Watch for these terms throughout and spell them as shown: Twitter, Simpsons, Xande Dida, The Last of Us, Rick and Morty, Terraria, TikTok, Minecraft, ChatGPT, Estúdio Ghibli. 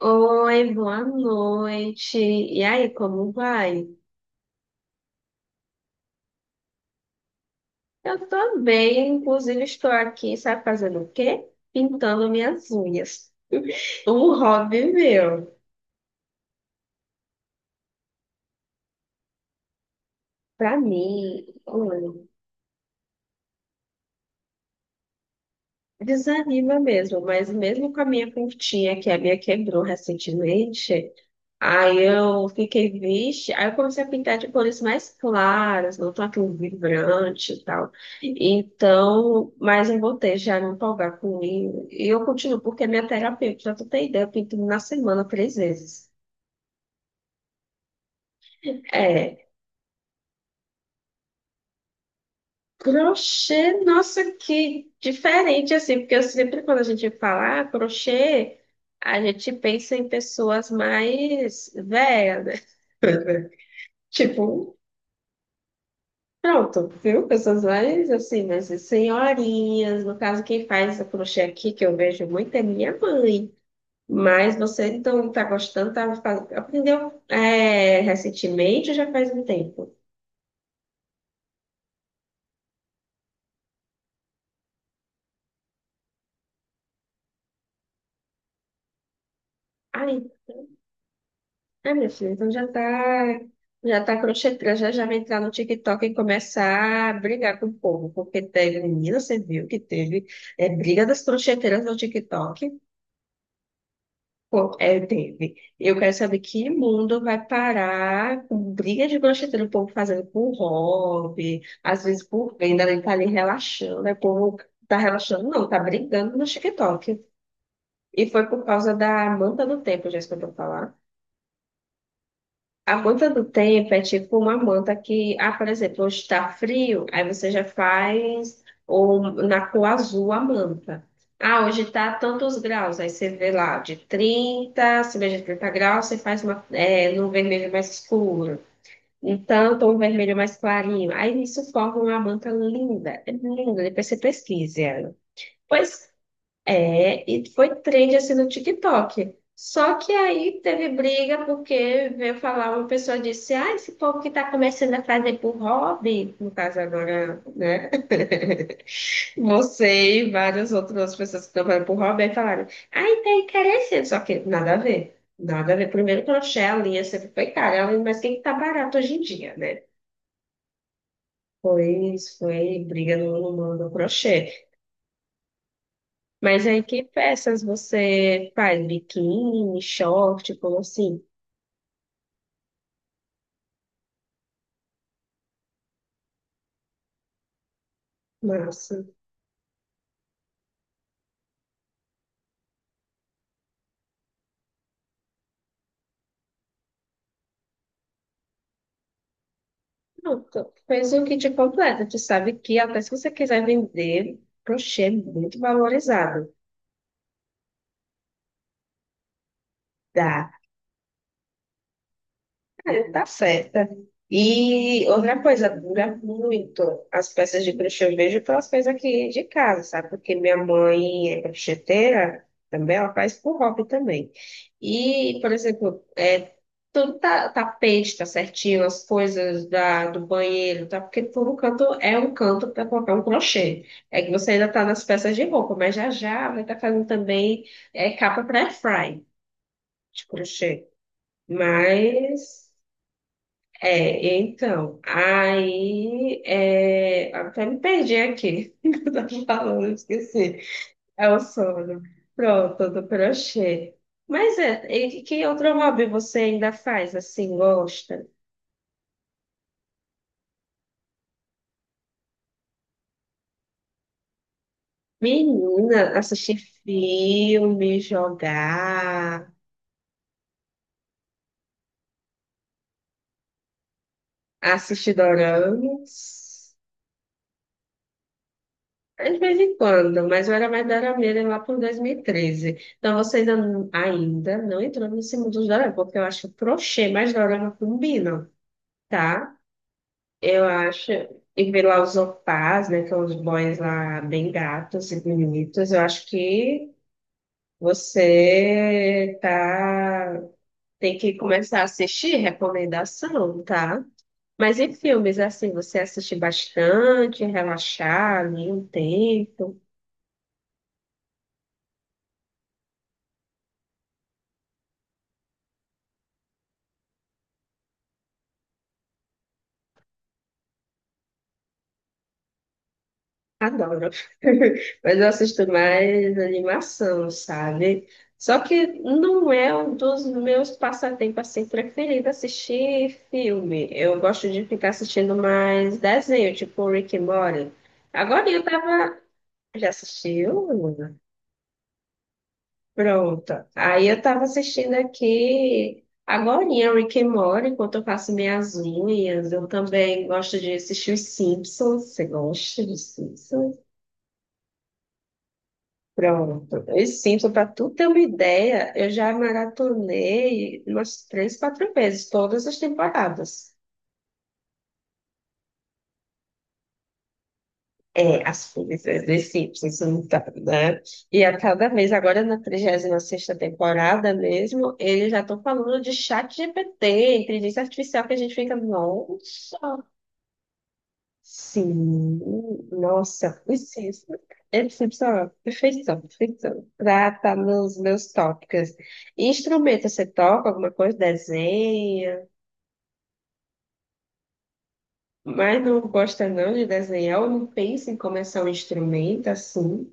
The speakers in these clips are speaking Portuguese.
Oi, boa noite. E aí, como vai? Eu tô bem, inclusive estou aqui, sabe fazendo o quê? Pintando minhas unhas. Um hobby meu. Pra mim, olha, desanima mesmo, mas mesmo com a minha pintinha, que a minha quebrou recentemente, aí eu fiquei, vixe. Aí eu comecei a pintar de cores mais claras, não tão aquele vibrante e tal. Então, mas eu voltei já a me empolgar com ele. E eu continuo, porque é minha terapeuta, pra tu ter ideia, eu pinto na semana três vezes. É, crochê, nossa, que diferente, assim, porque eu sempre quando a gente fala ah, crochê, a gente pensa em pessoas mais velhas, né? Tipo, pronto, viu? Pessoas mais assim, mas senhorinhas, no caso, quem faz essa crochê aqui, que eu vejo muito, é minha mãe. Mas você então tá gostando, tá, aprendeu recentemente ou já faz um tempo? Ai, ai, meu filho, então já tá crochetando, já, já vai entrar no TikTok e começar a brigar com o povo, porque teve, menina, você viu que teve briga das crocheteiras no TikTok? Pô, é, teve. Eu quero saber que mundo vai parar com briga de brocheteiro, o povo fazendo por hobby, às vezes por venda, ele tá ali relaxando, né, o povo tá relaxando, não, tá brigando no TikTok. E foi por causa da Amanda do Tempo, já escutou falar? A manta do tempo é tipo uma manta que, ah, por exemplo, hoje está frio, aí você já faz ou na cor azul a manta. Ah, hoje está tantos graus, aí você vê lá de 30, acima de 30 graus, você faz uma, num vermelho mais escuro, em tanto um vermelho mais clarinho. Aí isso forma uma manta linda, é linda, depois você pesquise ela. Pois é, e foi trend assim no TikTok. Só que aí teve briga porque veio falar, uma pessoa disse, ah, esse povo que está começando a fazer por hobby, no caso agora, né? Você e várias outras pessoas que estão fazendo por hobby, aí falaram, ai, tá encarecendo, só que nada a ver. Nada a ver. Primeiro crochê, a linha sempre foi cara, mas quem que tá barato hoje em dia, né? Pois foi briga no mundo do crochê. Mas aí que peças você faz? Biquíni, short, como assim? Massa. Pronto, fez um kit completo. Tu sabe que até se você quiser vender, crochê é muito valorizado. Dá. É, tá certa. E outra coisa, dura muito as peças de crochê. Eu vejo pelas coisas aqui de casa, sabe? Porque minha mãe é crocheteira também, ela faz por hobby também. E, por exemplo, tudo tá, tapete, tá certinho, as coisas do banheiro, tá? Porque todo canto é um canto para colocar um crochê. É que você ainda tá nas peças de roupa, mas já vai estar fazendo também capa para airfry de crochê. Mas. É, então, aí é, até me perdi aqui, que eu tava falando, eu esqueci. É o sono. Pronto, do crochê. Mas é, e que outro hobby você ainda faz assim, gosta? Menina, assistir filme, jogar, assistir doramas. É, de vez em quando, mas eu era mais dorameira lá por 2013. Então você ainda, ainda não entrou nesse mundo dos dorama, porque eu acho crochê mais dorama combinam, tá? Eu acho. E ver lá os opás, né? Que são os boys lá bem gatos e bonitos. Eu acho que você tá. Tem que começar a assistir recomendação, tá? Mas em filmes, assim, você assiste bastante, relaxar ali um tempo. Adoro. Mas eu assisto mais animação, sabe? Só que não é um dos meus passatempos assim preferidos assistir filme. Eu gosto de ficar assistindo mais desenho, tipo Rick and Morty. Agora eu tava. Já assistiu? Pronto. Aí eu tava assistindo aqui. Agorinha, Rick and Morty, enquanto eu faço minhas unhas. Eu também gosto de assistir os Simpsons. Você gosta dos Simpsons? Pronto. E sim, para tu ter uma ideia, eu já maratonei umas três, quatro vezes, todas as temporadas. É, as primeiras de Simpsons, então, né? E a cada vez, agora na trigésima sexta temporada mesmo, eles já estão falando de chat GPT, inteligência artificial, que a gente fica, nossa, sim, nossa, preciso. É excepcional, perfeição, perfeição. Pra estar nos meus tópicos. Instrumento, você toca alguma coisa? Desenha, mas não gosta não de desenhar ou não pensa em começar um instrumento assim?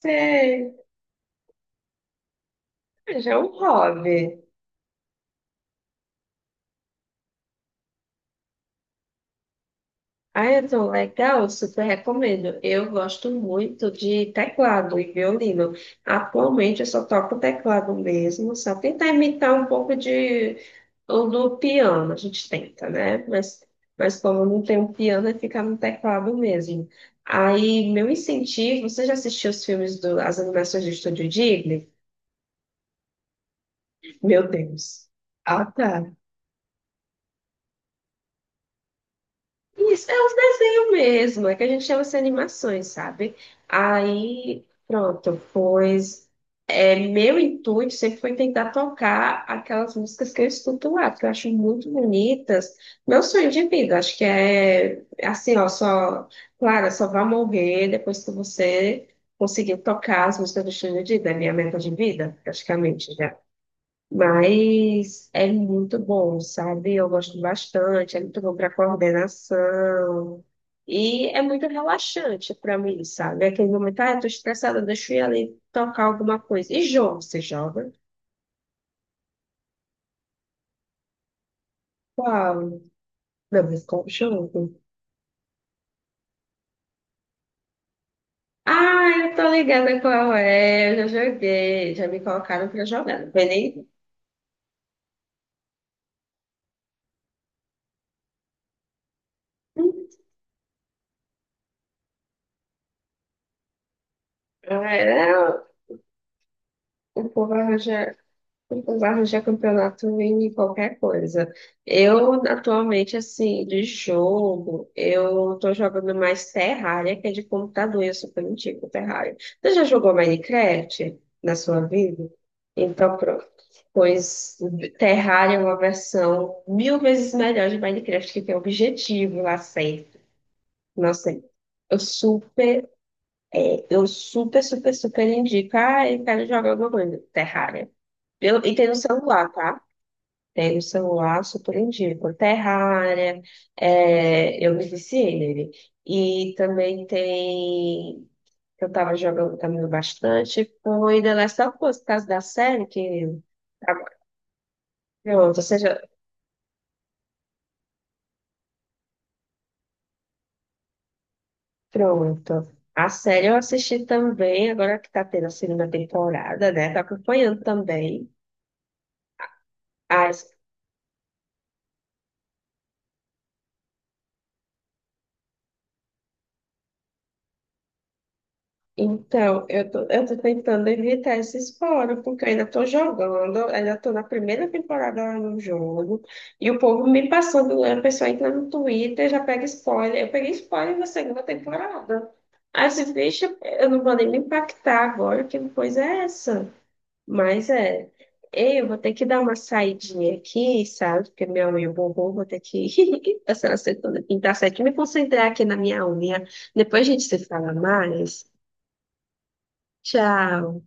Você- já é um hobby. Ah, então, legal, super recomendo. Eu gosto muito de teclado e violino. Atualmente eu só toco teclado mesmo, só tentar imitar um pouco de ou do piano, a gente tenta, né? Mas como não tem um piano, é ficar no teclado mesmo. Aí, meu incentivo, você já assistiu os filmes do, as animações do Estúdio Ghibli? Meu Deus. Ah, tá. Isso, é os desenhos mesmo, é que a gente chama de animações, sabe? Aí, pronto, pois é, meu intuito sempre foi tentar tocar aquelas músicas que eu escuto lá, que eu acho muito bonitas. Meu sonho de vida, acho que é assim, ó, só, claro, é só vai morrer depois que você conseguir tocar as músicas do Xande Dida, é minha meta de vida, praticamente já. Mas é muito bom, sabe? Eu gosto bastante, é muito bom para coordenação. E é muito relaxante para mim, sabe? Aquele momento, ah, eu tô estressada, deixa eu ir ali tocar alguma coisa. E jogo, você joga? Qual? Não, mas qual jogo? Ah, eu tô ligada qual é, eu já joguei, já me colocaram pra jogar, não foi nem... Ah, era, o povo arranja. Arranjar campeonato em qualquer coisa. Eu, atualmente, assim, de jogo, eu tô jogando mais Terraria, que é de computador, e eu super antigo Terraria. Você já jogou Minecraft na sua vida? Então, pronto. Pois Terraria é uma versão mil vezes melhor de Minecraft, que tem objetivo lá sempre. Nossa, eu super eu super, super, super indico. Ah, eu quero jogar alguma coisa. Terraria. Eu, e tem no celular, tá? Tem no celular, super indico. Terraria. É, eu me viciei nele. E também tem. Eu tava jogando também bastante. Foi The Last of Us, por causa da série que. Tá. Pronto, ou seja, pronto. A série eu assisti também, agora que tá tendo a segunda temporada, né? Tô acompanhando também. Então, eu tô tentando evitar esses fora, porque eu ainda tô jogando, eu ainda tô na primeira temporada lá no jogo, e o povo me passando, né, a pessoa entra no Twitter, já pega spoiler. Eu peguei spoiler na segunda temporada. Aí você deixa, eu não vou nem me impactar agora, que coisa é essa? Mas é, eu vou ter que dar uma saidinha aqui, sabe? Porque minha unha bombou, vou ter que passar a segunda, pintar certo, me concentrar aqui na minha unha. Depois a gente se fala mais. Tchau.